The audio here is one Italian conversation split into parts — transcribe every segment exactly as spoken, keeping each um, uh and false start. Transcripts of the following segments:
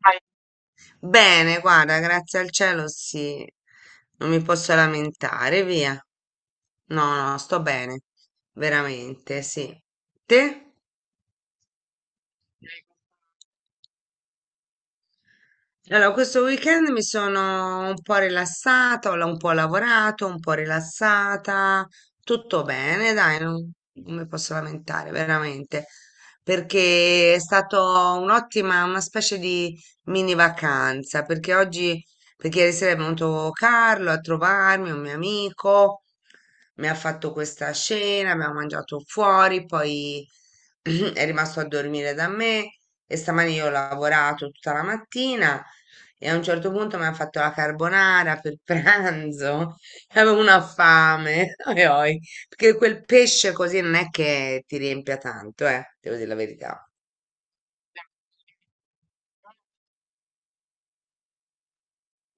Dai. Bene, guarda, grazie al cielo, sì, non mi posso lamentare, via. No, no, sto bene, veramente, sì. Te? Allora, questo weekend mi sono un po' rilassata, ho la- un po' lavorato, un po' rilassata, tutto bene, dai, non, non mi posso lamentare, veramente, perché è stato un'ottima, una specie di mini vacanza, perché oggi, perché ieri sera è venuto Carlo a trovarmi, un mio amico, mi ha fatto questa cena, abbiamo mangiato fuori, poi è rimasto a dormire da me. E stamani io ho lavorato tutta la mattina e a un certo punto mi hanno fatto la carbonara per pranzo. Avevo una fame, oi, oi, perché quel pesce così non è che ti riempia tanto, eh, devo dire la verità.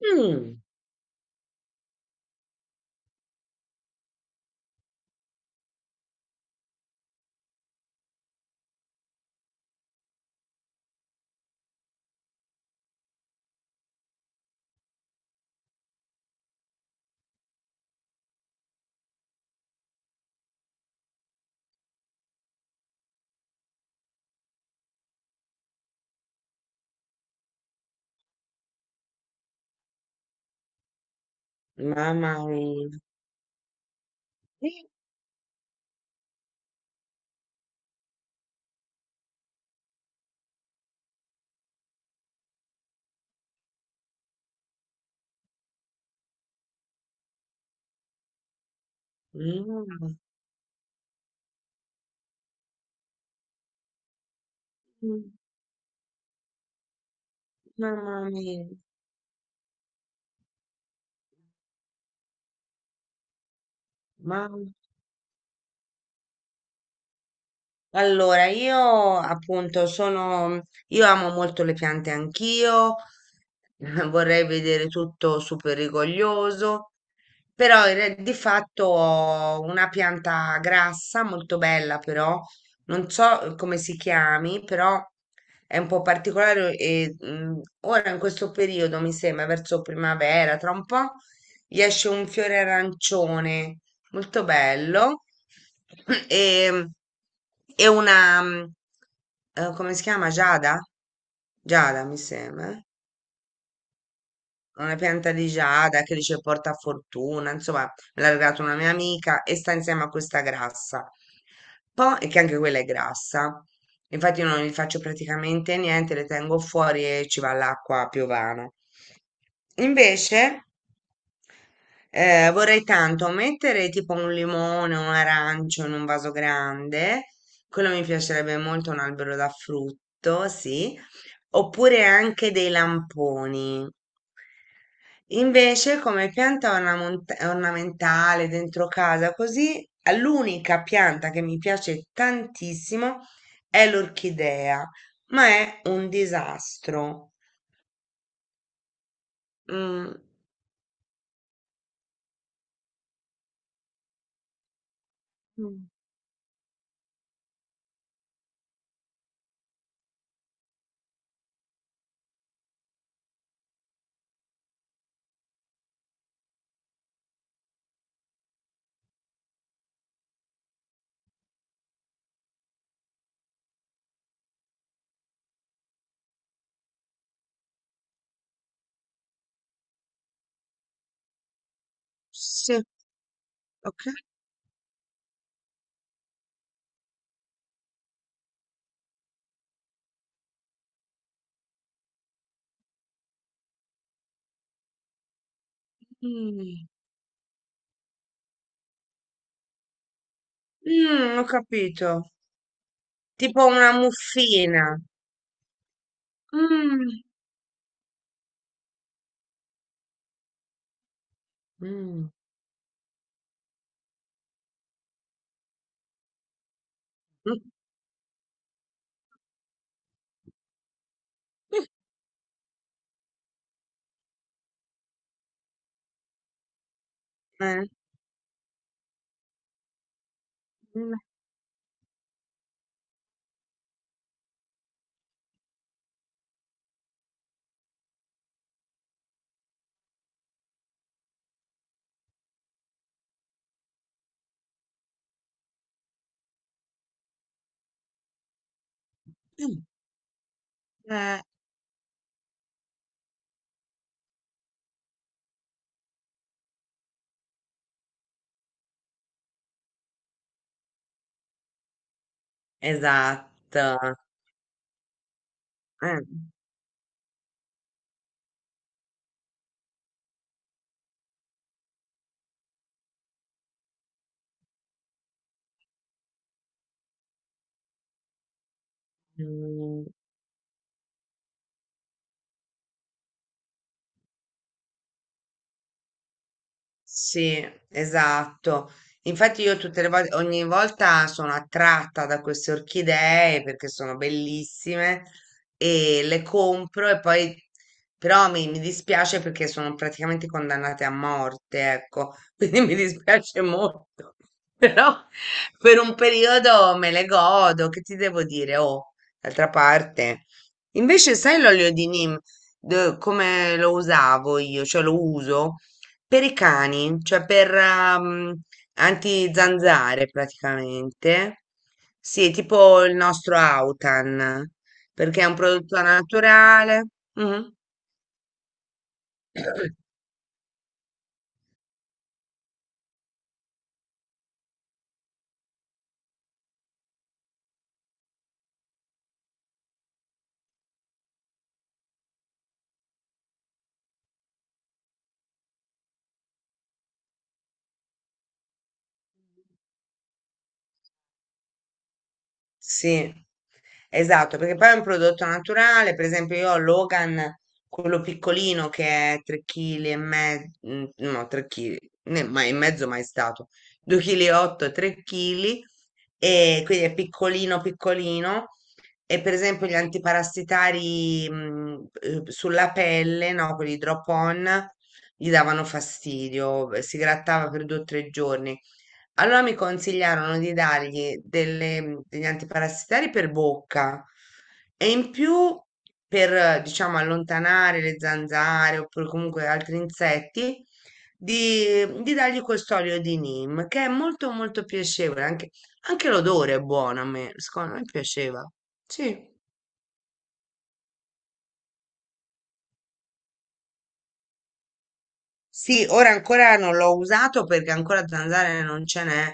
Mm, mamma mia. Mm, mm, mamma mia, mamma Allora, io appunto sono, io amo molto le piante anch'io, vorrei vedere tutto super rigoglioso, però in re- di fatto ho una pianta grassa, molto bella però, non so come si chiami, però è un po' particolare e mm, ora in questo periodo mi sembra verso primavera, tra un po' gli esce un fiore arancione molto bello. E, e una, mm, eh, come si chiama? Giada? Giada, mi sembra una pianta di giada che dice porta fortuna, insomma, me l'ha regalato una mia amica e sta insieme a questa grassa. Poi, e che anche quella è grassa, infatti io non gli faccio praticamente niente, le tengo fuori e ci va l'acqua a piovana. Invece, eh, vorrei tanto mettere tipo un limone, un arancio in un vaso grande, quello mi piacerebbe molto, un albero da frutto, sì, oppure anche dei lamponi. Invece, come pianta ornamont- ornamentale dentro casa, così eh, l'unica pianta che mi piace tantissimo è l'orchidea, ma è un disastro. Mm, mm. Sì, ok. Mm. Mm, ho capito. Tipo una muffina. Mm. Mm. Eh. Mm. Mm. Eh, esatto. Eh, mhmm. Sì, esatto. Infatti io tutte le volte, ogni volta sono attratta da queste orchidee perché sono bellissime e le compro e poi però mi, mi dispiace perché sono praticamente condannate a morte, ecco, quindi mi dispiace molto. Però per un periodo me le godo, che ti devo dire? Oh, d'altra parte. Invece sai l'olio di Nim, de- come lo usavo io, cioè lo uso? Per i cani, cioè per ehm, anti-zanzare praticamente. Sì, tipo il nostro Autan, perché è un prodotto naturale. Mhm. Sì, esatto, perché poi è un prodotto naturale, per esempio io ho Logan, quello piccolino che è tre chili e mezzo, mm, no, tre chili, ma e mezzo mai stato, due virgola otto kg, tre chili, e quindi è piccolino piccolino, e per esempio gli antiparassitari mh, eh, sulla pelle, no, quelli drop on, gli davano fastidio, eh, si grattava per due o tre giorni. Allora mi consigliarono di dargli delle- degli antiparassitari per bocca e in più per, eh, diciamo, allontanare le zanzare oppure comunque altri insetti, di, di dargli questo olio di neem, che è molto molto piacevole. Anche, anche l'odore è buono a me, secondo me piaceva. Sì. Sì, ora ancora non l'ho usato perché ancora zanzare non ce n'è,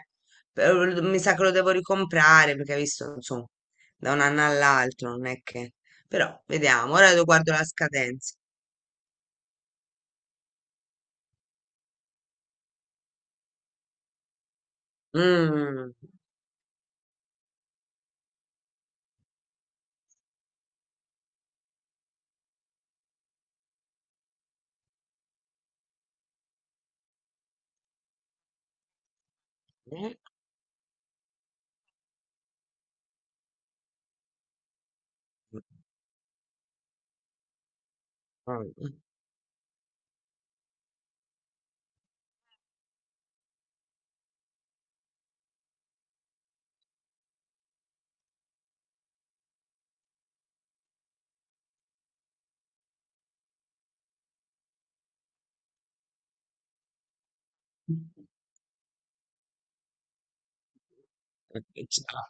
però mi sa che lo devo ricomprare perché hai visto, insomma, da un anno all'altro non è che. Però vediamo, ora lo guardo la scadenza. Mm. Ciao.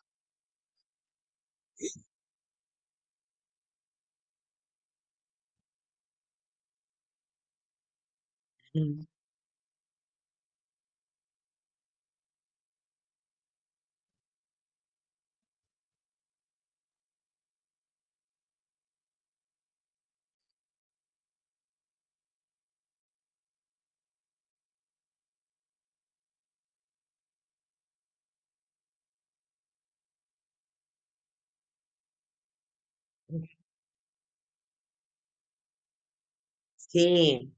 Sì,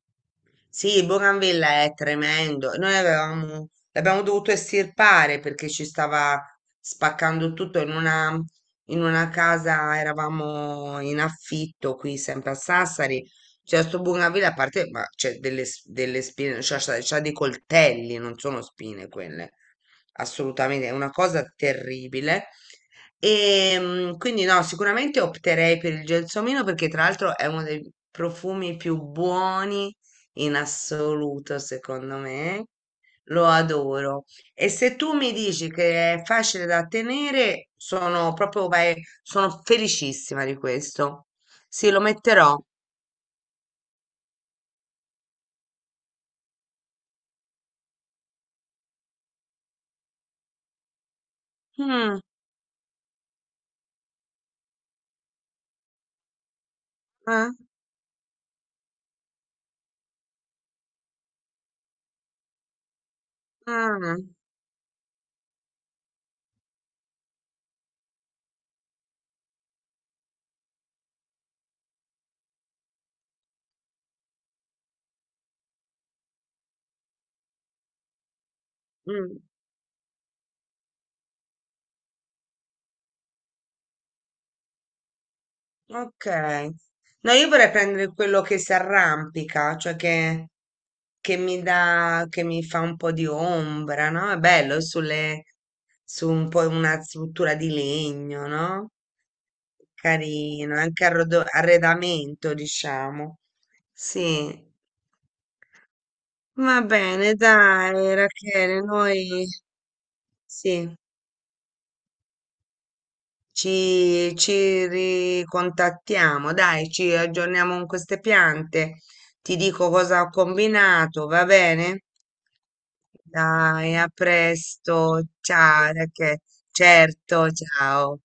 sì, Bougainville è tremendo. Noi avevamo, l'abbiamo dovuto estirpare perché ci stava spaccando tutto in una, in una, casa, eravamo in affitto qui sempre a Sassari. C'è sto Bougainville, a parte, ma c'è delle, s- delle spine, c'ha c'ha- c'ha dei coltelli, non sono spine quelle assolutamente, è una cosa terribile. E mm, quindi no, sicuramente opterei per il gelsomino perché tra l'altro è uno dei profumi più buoni in assoluto, secondo me. Lo adoro. E se tu mi dici che è facile da tenere, sono proprio, vai- sono felicissima di questo. Sì, lo metterò. Mm, eh, mm, mm. Ok. No, io vorrei prendere quello che si arrampica, cioè che, che mi dà, che mi fa un po' di ombra, no? È bello sulle, su un po' una struttura di legno, no? Carino, anche arrodo- arredamento, diciamo. Sì. Va bene, dai, Rachele, noi sì. Ci, ci ricontattiamo, dai, ci aggiorniamo con queste piante. Ti dico cosa ho combinato, va bene? Dai, a presto. Ciao, Rachele. Certo, ciao.